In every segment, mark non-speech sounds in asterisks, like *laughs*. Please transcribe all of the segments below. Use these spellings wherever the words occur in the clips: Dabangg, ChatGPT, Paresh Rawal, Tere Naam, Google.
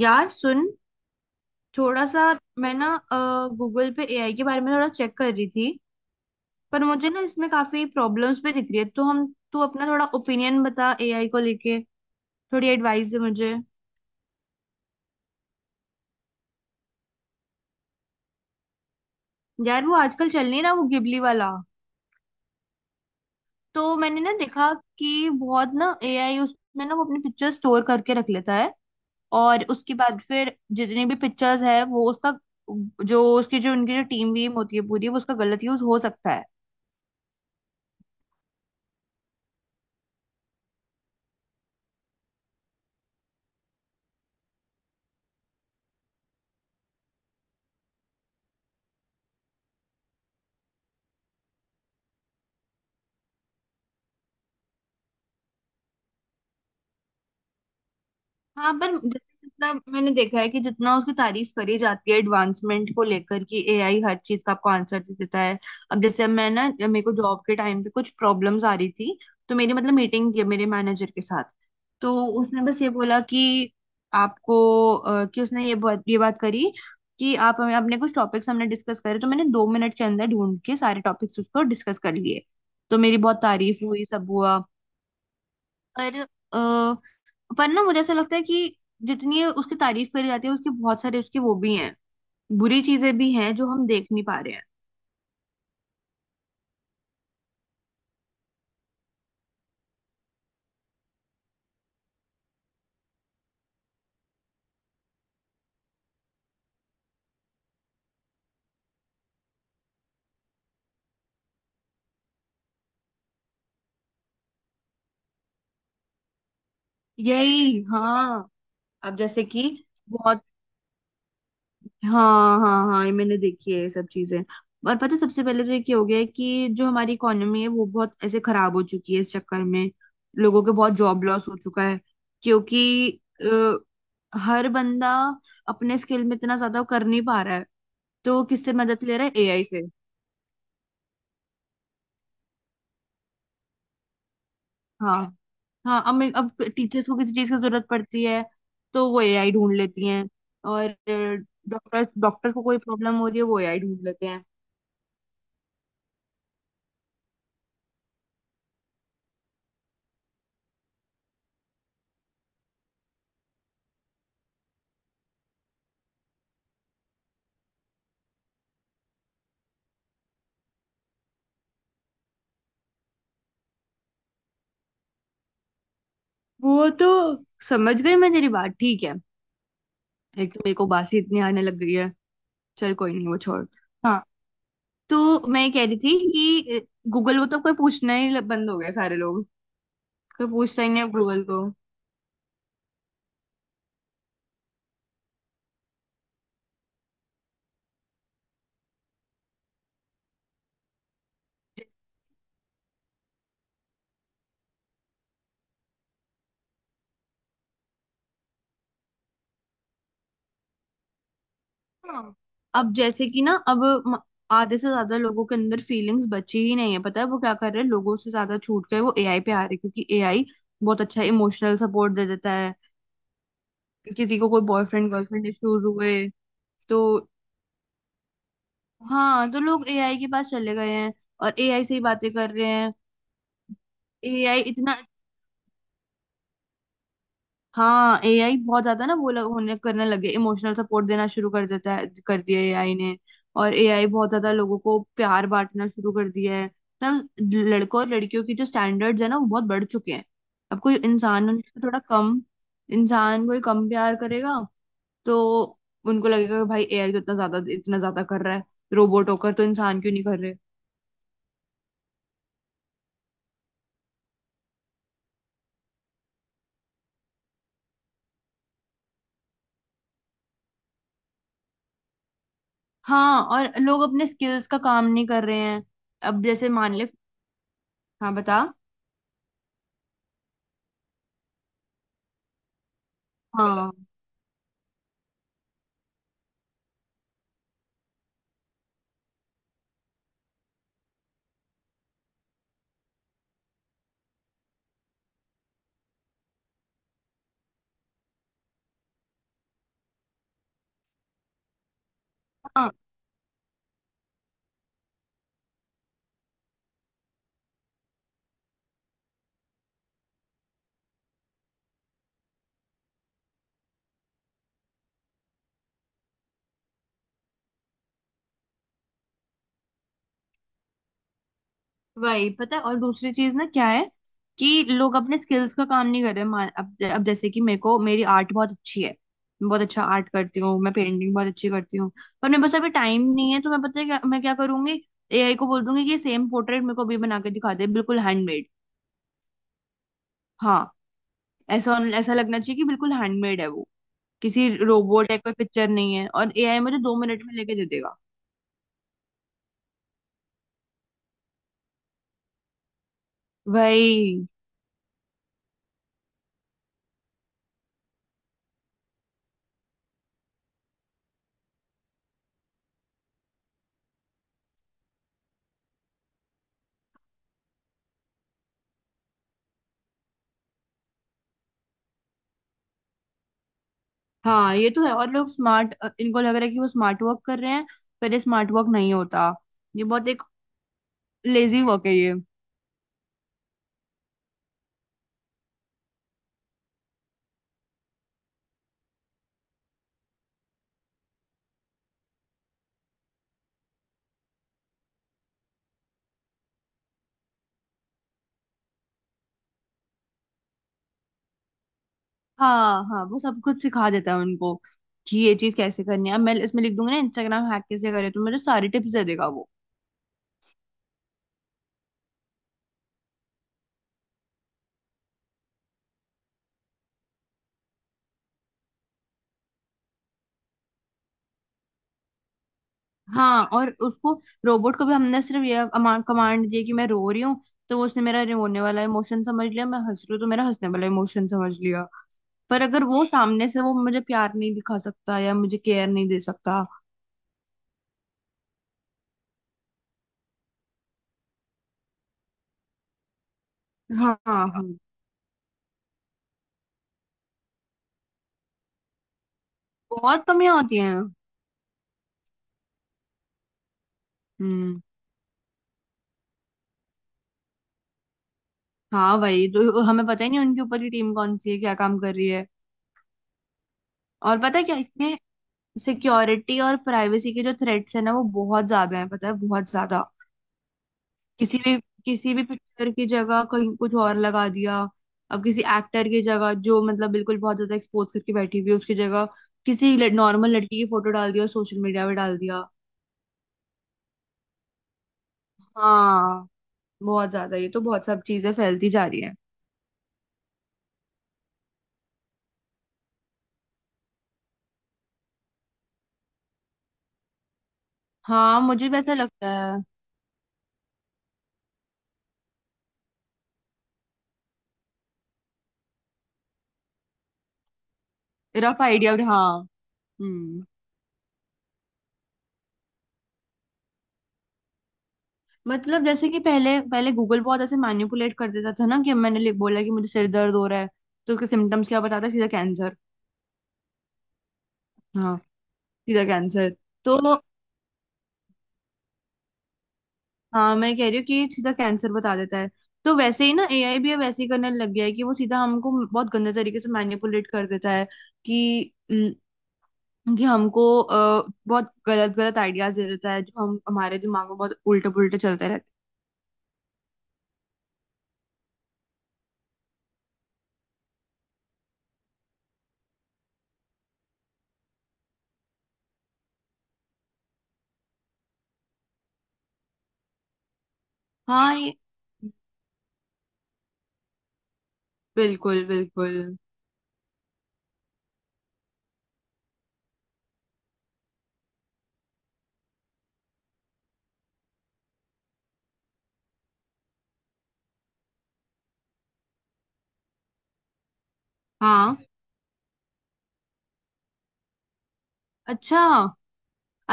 यार सुन। थोड़ा सा मैं गूगल पे एआई के बारे में थोड़ा चेक कर रही थी। पर मुझे इसमें काफी प्रॉब्लम्स भी दिख रही है तो हम तू अपना थोड़ा ओपिनियन बता, एआई को लेके थोड़ी एडवाइस दे मुझे। यार वो आजकल चल नहीं रहा वो गिबली वाला। तो मैंने देखा कि बहुत एआई उसमें वो अपनी पिक्चर स्टोर करके रख लेता है। और उसके बाद फिर जितनी भी पिक्चर्स है वो उसका जो उसकी जो उनकी जो टीम वीम होती है पूरी, वो उसका गलत यूज हो सकता है। हाँ पर जैसे मतलब मैंने देखा है कि जितना उसकी तारीफ करी जाती है एडवांसमेंट को लेकर, कि एआई हर चीज का आपको आंसर दे देता है। अब जैसे मैं जब मेरे को जॉब के टाइम पे कुछ प्रॉब्लम्स आ रही थी, तो मेरी मतलब मीटिंग थी मेरे मैनेजर के साथ। तो उसने बस ये बोला कि आपको उसने ये बात करी कि आप हमें अपने कुछ टॉपिक्स हमने डिस्कस करे। तो मैंने दो मिनट के अंदर ढूंढ के सारे टॉपिक्स उसको डिस्कस कर लिए। तो मेरी बहुत तारीफ हुई, सब हुआ। पर अ, पर मुझे ऐसा लगता है कि जितनी ये उसकी तारीफ करी जाती है, उसके बहुत सारे उसके वो भी हैं, बुरी चीजें भी हैं जो हम देख नहीं पा रहे हैं। यही हाँ। अब जैसे कि बहुत। हाँ हाँ हाँ, ये मैंने देखी है ये सब चीजें। और पता है, सबसे पहले तो ये क्या हो गया है कि जो हमारी इकोनॉमी है वो बहुत ऐसे खराब हो चुकी है इस चक्कर में। लोगों के बहुत जॉब लॉस हो चुका है, क्योंकि हर बंदा अपने स्किल में इतना ज्यादा कर नहीं पा रहा है। तो किससे मदद ले रहा है? एआई से। हाँ हाँ। अब टीचर्स को किसी चीज की जरूरत पड़ती है तो वो एआई ढूंढ लेती हैं। और डॉक्टर डॉक्टर को कोई प्रॉब्लम हो रही है वो एआई ढूंढ लेते हैं। वो तो समझ गई मैं तेरी बात, ठीक है। एक तो मेरे को बासी इतनी आने लग गई है। चल कोई नहीं, वो छोड़। हाँ तो मैं ये कह रही थी कि गूगल को तो कोई पूछना ही बंद हो गया सारे लोग। कोई पूछता ही नहीं अब गूगल को। हाँ। अब जैसे कि म- आधे से ज्यादा लोगों के अंदर फीलिंग्स बची ही नहीं है। पता है वो क्या कर रहे हैं? लोगों से ज्यादा छूट गए, वो एआई पे आ रहे हैं, क्योंकि एआई बहुत अच्छा इमोशनल सपोर्ट दे देता है। किसी को कोई बॉयफ्रेंड गर्लफ्रेंड इश्यूज हुए तो हाँ तो लोग एआई के पास चले गए हैं और एआई से ही बातें कर रहे हैं। एआई इतना। हाँ एआई बहुत ज्यादा होने करने लगे, इमोशनल सपोर्ट देना शुरू कर देता है, कर दिया एआई ने। और एआई बहुत ज्यादा लोगों को प्यार बांटना शुरू कर दिया है। तब लड़कों और लड़कियों की जो स्टैंडर्ड्स है ना वो बहुत बढ़ चुके हैं। अब कोई इंसान उनको थोड़ा कम, इंसान कोई कम प्यार करेगा तो उनको लगेगा कि भाई एआई तो इतना ज्यादा कर रहा है, रोबोट होकर तो इंसान क्यों नहीं कर रहे। हाँ और लोग अपने स्किल्स का काम नहीं कर रहे हैं। अब जैसे मान ले। हाँ बता। हाँ हाँ वही। पता है और दूसरी चीज ना क्या है कि लोग अपने स्किल्स का काम नहीं कर रहे। मान अब जैसे कि मेरे को मेरी आर्ट बहुत अच्छी है, मैं बहुत अच्छा आर्ट करती हूँ, मैं पेंटिंग बहुत अच्छी करती हूँ। पर मेरे पास अभी टाइम नहीं है तो मैं पता है क्या मैं क्या करूंगी? एआई को बोल दूंगी कि सेम पोर्ट्रेट मेरे को अभी बना के दिखा दे, बिल्कुल हैंडमेड। हाँ, ऐसा ऐसा लगना चाहिए कि बिल्कुल हैंडमेड है वो, किसी रोबोट या कोई पिक्चर नहीं है। और एआई मुझे दो मिनट में लेके दे देगा। भाई। हाँ ये तो है। और लोग स्मार्ट, इनको लग रहा है कि वो स्मार्ट वर्क कर रहे हैं, पर ये स्मार्ट वर्क नहीं होता। ये बहुत एक लेजी वर्क है ये। हाँ हाँ वो सब कुछ सिखा देता है उनको कि ये चीज कैसे करनी है। अब मैं इसमें लिख दूंगी ना इंस्टाग्राम हैक कैसे करे, तो मुझे सारी टिप्स दे देगा वो। हाँ और उसको, रोबोट को भी हमने सिर्फ ये कमांड दी कि मैं रो रही हूँ, तो उसने मेरा रोने वाला इमोशन समझ लिया, मैं हंस रही हूँ तो मेरा हंसने वाला इमोशन समझ लिया। पर अगर वो सामने से वो मुझे प्यार नहीं दिखा सकता या मुझे केयर नहीं दे सकता। हाँ हाँ। बहुत कमियां होती हैं। हम्म। हाँ भाई तो हमें पता ही नहीं उनके ऊपर की टीम कौन सी है, क्या काम कर रही है। और पता है क्या इसमें, सिक्योरिटी और प्राइवेसी के जो थ्रेट्स है ना वो बहुत ज्यादा है। पता है बहुत ज्यादा। किसी भी किसी भी पिक्चर की जगह कहीं कुछ और लगा दिया। अब किसी एक्टर की जगह जो मतलब बिल्कुल बहुत ज्यादा एक्सपोज करके बैठी हुई है, उसकी जगह किसी नॉर्मल लड़की की फोटो डाल दिया और सोशल मीडिया पे डाल दिया। हाँ, बहुत ज्यादा ये तो बहुत सब चीजें फैलती जा रही है। हाँ मुझे भी ऐसा लगता है। रफ आइडिया हाँ। हम्म। मतलब जैसे कि पहले पहले गूगल बहुत ऐसे मैनिपुलेट कर देता था ना, कि मैंने लिख बोला कि मुझे सिर दर्द हो रहा है, तो उसके सिम्टम्स क्या बताता है? सीधा कैंसर। हाँ, सीधा कैंसर। तो हाँ मैं कह रही हूँ कि सीधा कैंसर बता देता है। तो वैसे ही ना एआई भी अब वैसे ही करने लग गया है कि वो सीधा हमको बहुत गंदे तरीके से मैनिपुलेट कर देता है। कि हम्म, कि हमको अ, बहुत गलत गलत आइडियाज दे देता है जो हम हमारे दिमाग में बहुत उल्टे पुल्टे चलते रहते हैं। हाँ ये। बिल्कुल बिल्कुल। हाँ। अच्छा।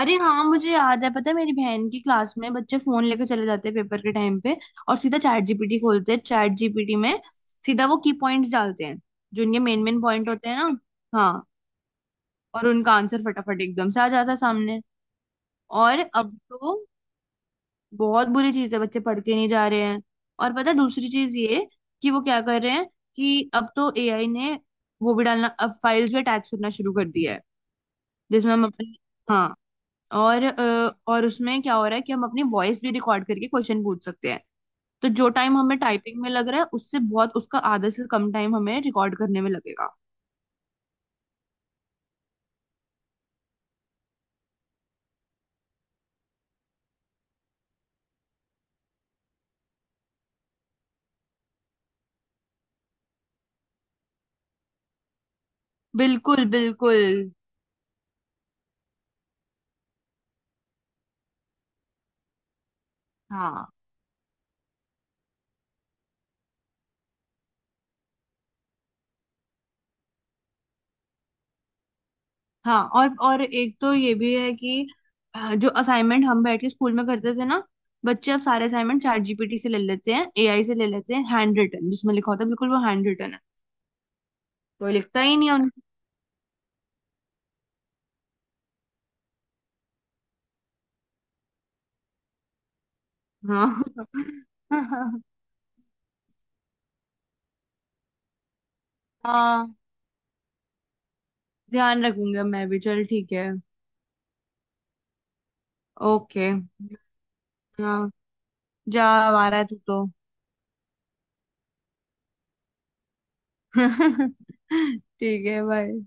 अरे हाँ मुझे याद है, पता है मेरी बहन की क्लास में बच्चे फोन लेके चले जाते हैं पेपर के टाइम पे। और सीधा चैट जीपीटी खोलते हैं, चैट जीपीटी में सीधा वो की पॉइंट्स डालते हैं जो उनके मेन मेन पॉइंट होते हैं ना। हाँ, और उनका आंसर फटाफट एकदम से आ जाता है सामने। और अब तो बहुत बुरी चीज है, बच्चे पढ़ के नहीं जा रहे हैं। और पता है दूसरी चीज ये कि वो क्या कर रहे हैं, कि अब तो एआई ने वो भी डालना अब फाइल्स भी अटैच करना शुरू कर दिया है जिसमें हम अपनी, हाँ, और उसमें क्या हो रहा है कि हम अपनी वॉइस भी रिकॉर्ड करके क्वेश्चन पूछ सकते हैं। तो जो टाइम हमें टाइपिंग में लग रहा है उससे बहुत उसका आधा से कम टाइम हमें रिकॉर्ड करने में लगेगा। बिल्कुल बिल्कुल। हाँ हाँ और एक तो ये भी है कि जो असाइनमेंट हम बैठ के स्कूल में करते थे ना, बच्चे अब सारे असाइनमेंट चैट जीपीटी से ले लेते हैं, एआई से ले लेते हैं, हैंड रिटन जिसमें लिखा होता है बिल्कुल वो हैंड रिटन है, कोई लिखता ही नहीं है उनको। हाँ *laughs* हाँ ध्यान रखूंगा, मैं भी चल ठीक है। ओके *laughs* हाँ जा, आ रहा है तू तो। *laughs* ठीक है बाय।